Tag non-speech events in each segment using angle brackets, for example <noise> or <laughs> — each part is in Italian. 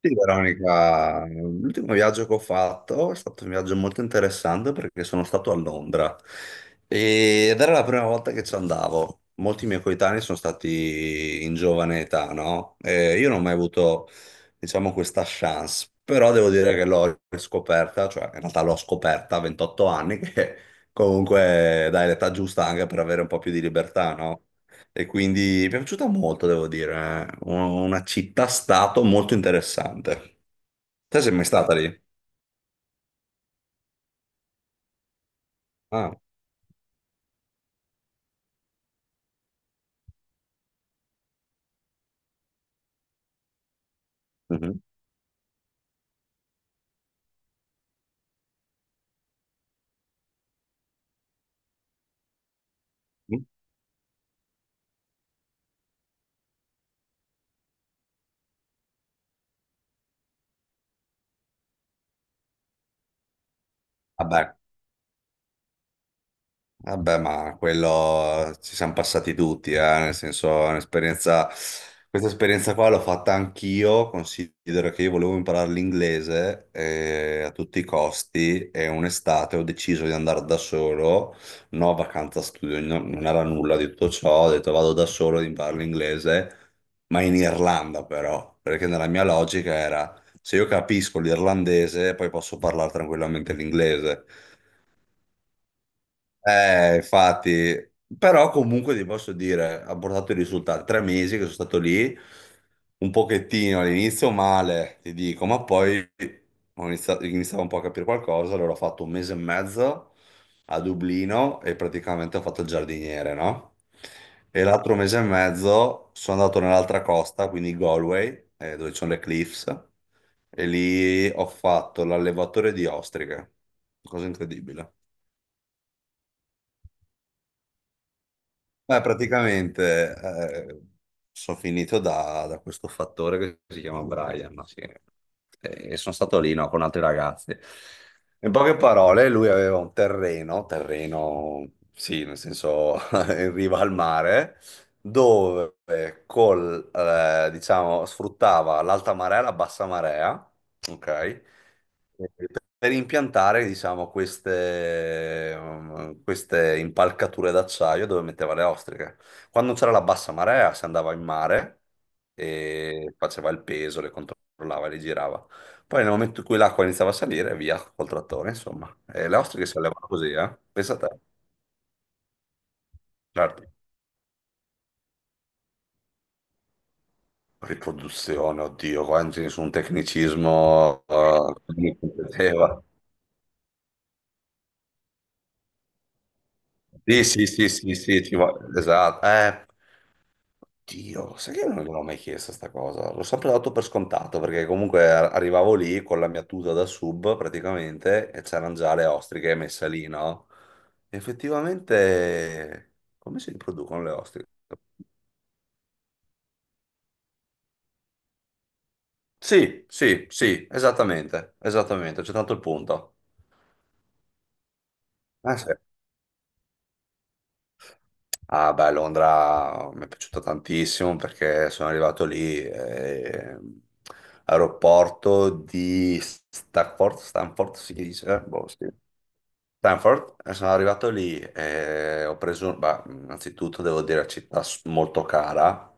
Sì, Veronica, l'ultimo viaggio che ho fatto è stato un viaggio molto interessante perché sono stato a Londra. Ed era la prima volta che ci andavo. Molti miei coetanei sono stati in giovane età, no? E io non ho mai avuto, diciamo, questa chance, però devo dire che l'ho scoperta, cioè in realtà l'ho scoperta a 28 anni, <laughs> che comunque dai l'età giusta anche per avere un po' più di libertà, no? E quindi mi è piaciuta molto, devo dire. Una città-stato molto interessante. Te sei mai stata lì? Ah, mhm. Vabbè, vabbè, ma quello, ci siamo passati tutti, eh. Nel senso, è un'esperienza, questa esperienza qua l'ho fatta anch'io. Considero che io volevo imparare l'inglese a tutti i costi e un'estate ho deciso di andare da solo, no vacanza studio, non era nulla di tutto ciò, ho detto vado da solo ad imparare l'inglese, ma in Irlanda però, perché nella mia logica era: se io capisco l'irlandese poi posso parlare tranquillamente l'inglese. Infatti, però comunque ti posso dire, ha portato i risultati. Tre mesi che sono stato lì, un pochettino all'inizio male, ti dico, ma poi iniziavo un po' a capire qualcosa, allora ho fatto un mese e mezzo a Dublino e praticamente ho fatto il giardiniere, no? E l'altro mese e mezzo sono andato nell'altra costa, quindi Galway, dove ci sono le cliffs, e lì ho fatto l'allevatore di ostriche, cosa incredibile. Beh, praticamente, sono finito da questo fattore che si chiama Brian, no? Sì. E sono stato lì, no, con altri ragazzi. In poche parole, lui aveva un terreno, sì, nel senso, <laughs> in riva al mare, dove diciamo, sfruttava l'alta marea e la bassa marea, ok? Per impiantare, diciamo, queste impalcature d'acciaio dove metteva le ostriche. Quando c'era la bassa marea si andava in mare e faceva il peso, le controllava, le girava. Poi nel momento in cui l'acqua iniziava a salire, via col trattore, insomma. E le ostriche si allevano così, eh? Pensa a te. Certo. Riproduzione, oddio, qua non c'è nessun tecnicismo, <laughs> che mi competeva. Sì, sì, sì, sì, sì, esatto. Dio, sai che non l'ho mai chiesto sta cosa? L'ho sempre dato per scontato perché comunque arrivavo lì con la mia tuta da sub praticamente e c'erano già le ostriche messe lì, no? Effettivamente, come si riproducono le ostriche? Sì, sì, sì, esattamente, esattamente, c'è tanto il punto. Ah, sì. Ah, beh, Londra mi è piaciuta tantissimo perché sono arrivato lì, aeroporto di Stafford, Stanford si dice? Boh, sì. Stanford, e sono arrivato lì e ho preso, beh, innanzitutto devo dire città molto cara,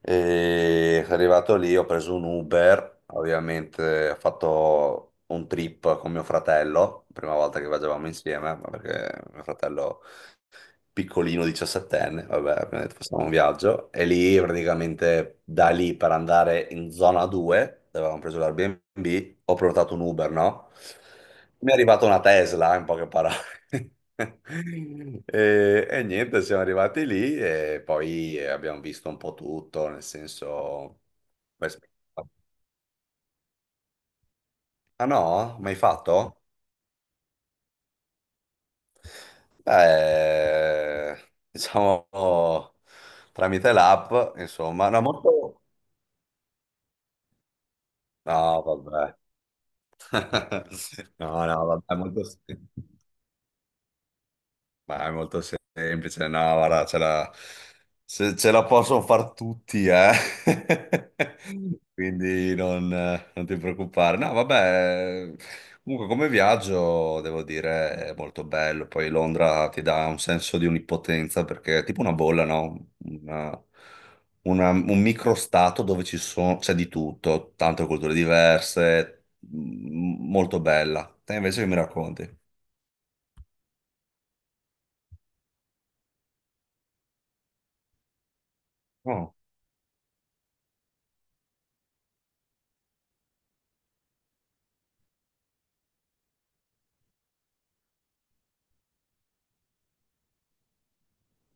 e sono arrivato lì, ho preso un Uber. Ovviamente ho fatto un trip con mio fratello, prima volta che viaggiavamo insieme, ma perché mio fratello piccolino, diciassettenne, vabbè, abbiamo detto facciamo un viaggio, e lì praticamente da lì per andare in zona 2, dove avevamo preso l'Airbnb, ho prenotato un Uber, no? Mi è arrivata una Tesla, in poche parole. <laughs> E, e niente, siamo arrivati lì e poi abbiamo visto un po' tutto, nel senso... Ah no? Mai fatto? Beh, diciamo tramite l'app, insomma, no, molto. No, vabbè. <laughs> No, no, vabbè, molto... Ma è molto semplice, no, guarda, ce la, se- ce la possono far tutti, eh. <laughs> Quindi non, non ti preoccupare. No, vabbè, comunque come viaggio, devo dire, è molto bello. Poi Londra ti dà un senso di onnipotenza perché è tipo una bolla, no? Un microstato dove ci sono, c'è di tutto, tante culture diverse, molto bella. Te invece che mi racconti? Oh,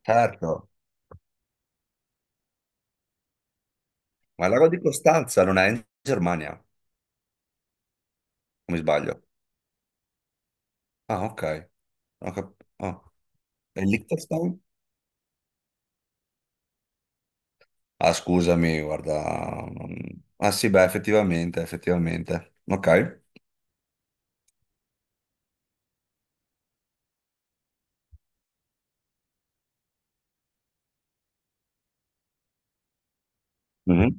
certo. Ma il lago di Costanza non è in Germania, o mi sbaglio? Ah, ok. Oh. E Liechtenstein? Ah, scusami, guarda, ah sì, beh, effettivamente, effettivamente. Ok. Mhm.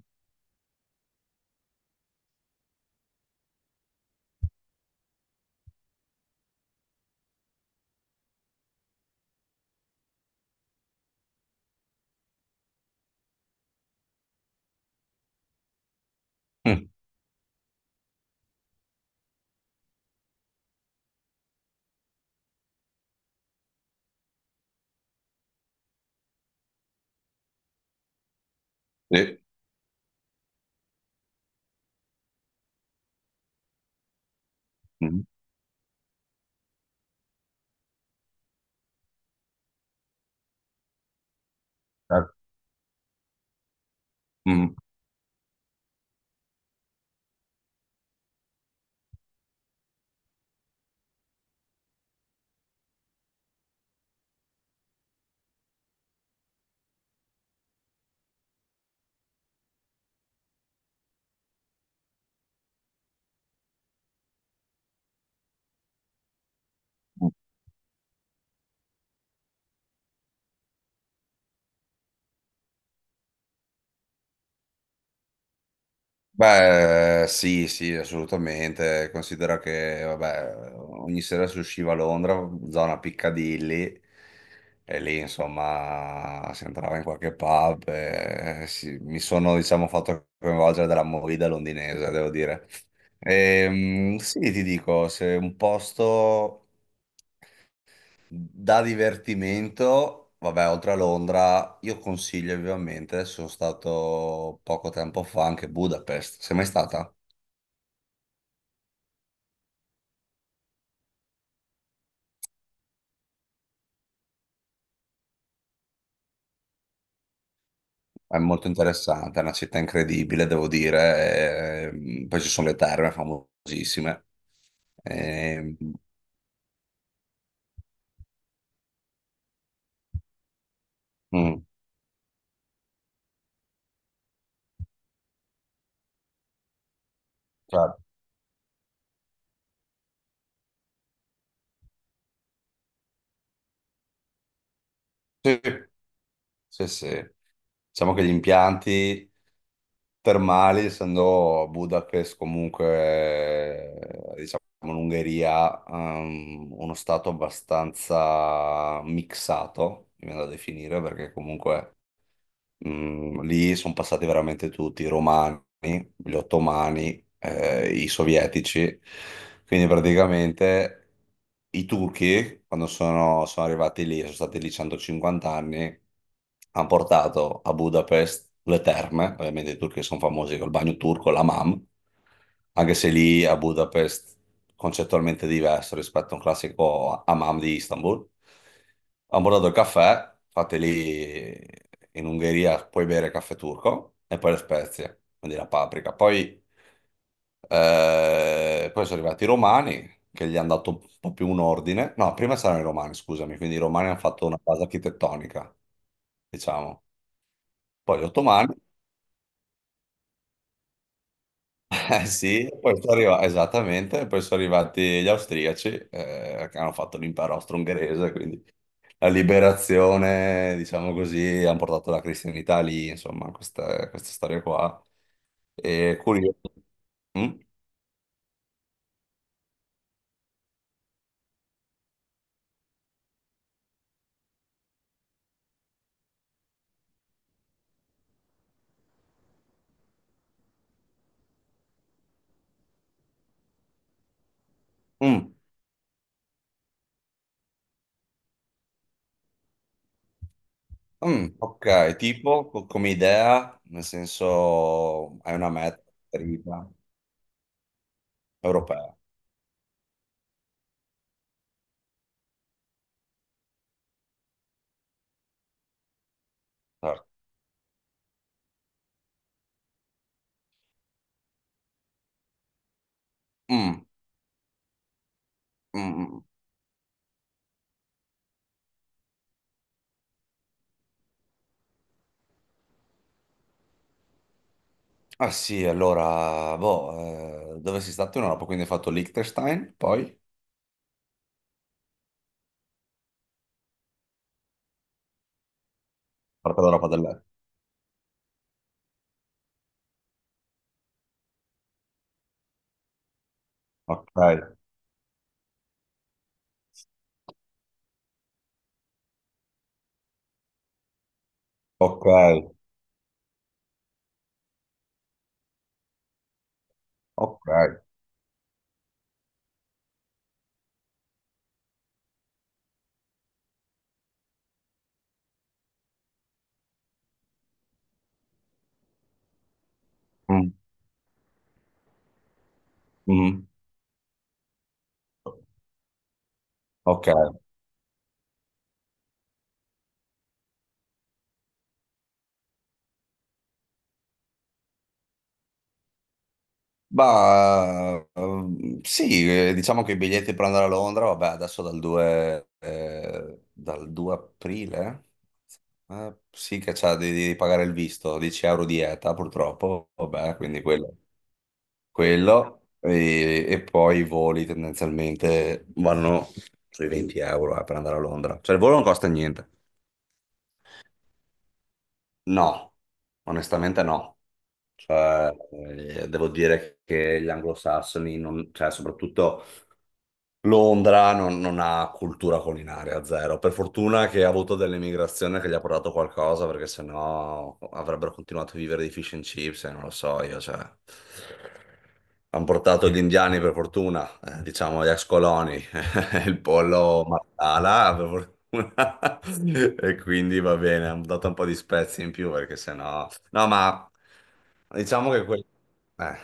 Mm. Sì. Mhm. Certo. Mhm. Beh, sì, sì, assolutamente. Considera che, vabbè, ogni sera si usciva a Londra, zona Piccadilly, e lì, insomma, si entrava in qualche pub. E mi sono, diciamo, fatto coinvolgere dalla movida londinese, devo dire. Sì, ti dico, se un posto. Da divertimento, vabbè, oltre a Londra, io consiglio vivamente, adesso sono stato poco tempo fa anche a Budapest, sei mai stata? È molto interessante, è una città incredibile, devo dire, poi ci sono le terme famosissime. ehm, mm, cioè, sì, sì, sì. Diciamo che gli impianti termali, essendo Budapest comunque, diciamo, l'Ungheria, uno stato abbastanza mixato, mi viene da definire, perché comunque mm, lì sono passati veramente tutti, i romani, gli ottomani, i sovietici. Quindi praticamente i turchi, sono arrivati lì, sono stati lì 150 anni, hanno portato a Budapest le terme. Ovviamente i turchi sono famosi col bagno turco, la mam, anche se lì a Budapest concettualmente diverso rispetto a un classico hammam di Istanbul. Ho bordato il caffè, fate lì in Ungheria puoi bere caffè turco e poi le spezie, quindi la paprika. Poi, poi sono arrivati i romani che gli hanno dato un po' più un ordine. No, prima c'erano i romani, scusami, quindi i romani hanno fatto una base architettonica, diciamo. Poi gli ottomani, <laughs> eh sì, e poi sono arrivati, esattamente, e poi sono arrivati gli austriaci, che hanno fatto l'impero austro-ungherese, quindi la liberazione, diciamo così, hanno portato la cristianità lì, insomma, questa storia qua. E curioso. Mm? Mm, mm, ok, tipo come idea, nel senso hai una meta prima, europea. Certo. Mm, mm, mm. Ah sì, allora, boh, dove sei stato in Europa? Quindi hai fatto Liechtenstein, poi parte d'Europa dell'Est. Ok, ok, ok. Mm, mm, ok. Bah, sì, diciamo che i biglietti per andare a Londra, vabbè, adesso dal 2 aprile, sì che c'è, devi, devi pagare il visto, 10 € di ETA purtroppo, vabbè, quindi quello e poi i voli tendenzialmente vanno sui 20 euro, per andare a Londra, cioè il volo non costa niente. No, onestamente no. Cioè, devo dire che gli anglosassoni, cioè, soprattutto Londra non, non ha cultura culinaria, zero. Per fortuna che ha avuto dell'emigrazione che gli ha portato qualcosa, perché sennò avrebbero continuato a vivere di fish and chips, e non lo so io, cioè... Hanno portato gli indiani, per fortuna, diciamo gli ex coloni, <laughs> il pollo Marsala, per fortuna, <laughs> e quindi va bene, hanno dato un po' di spezie in più, perché sennò... No, ma diciamo che... Eh,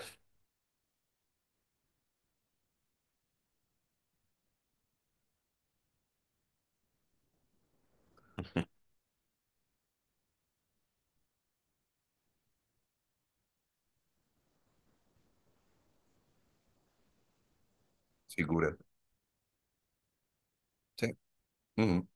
figurati. Sì. Mhm.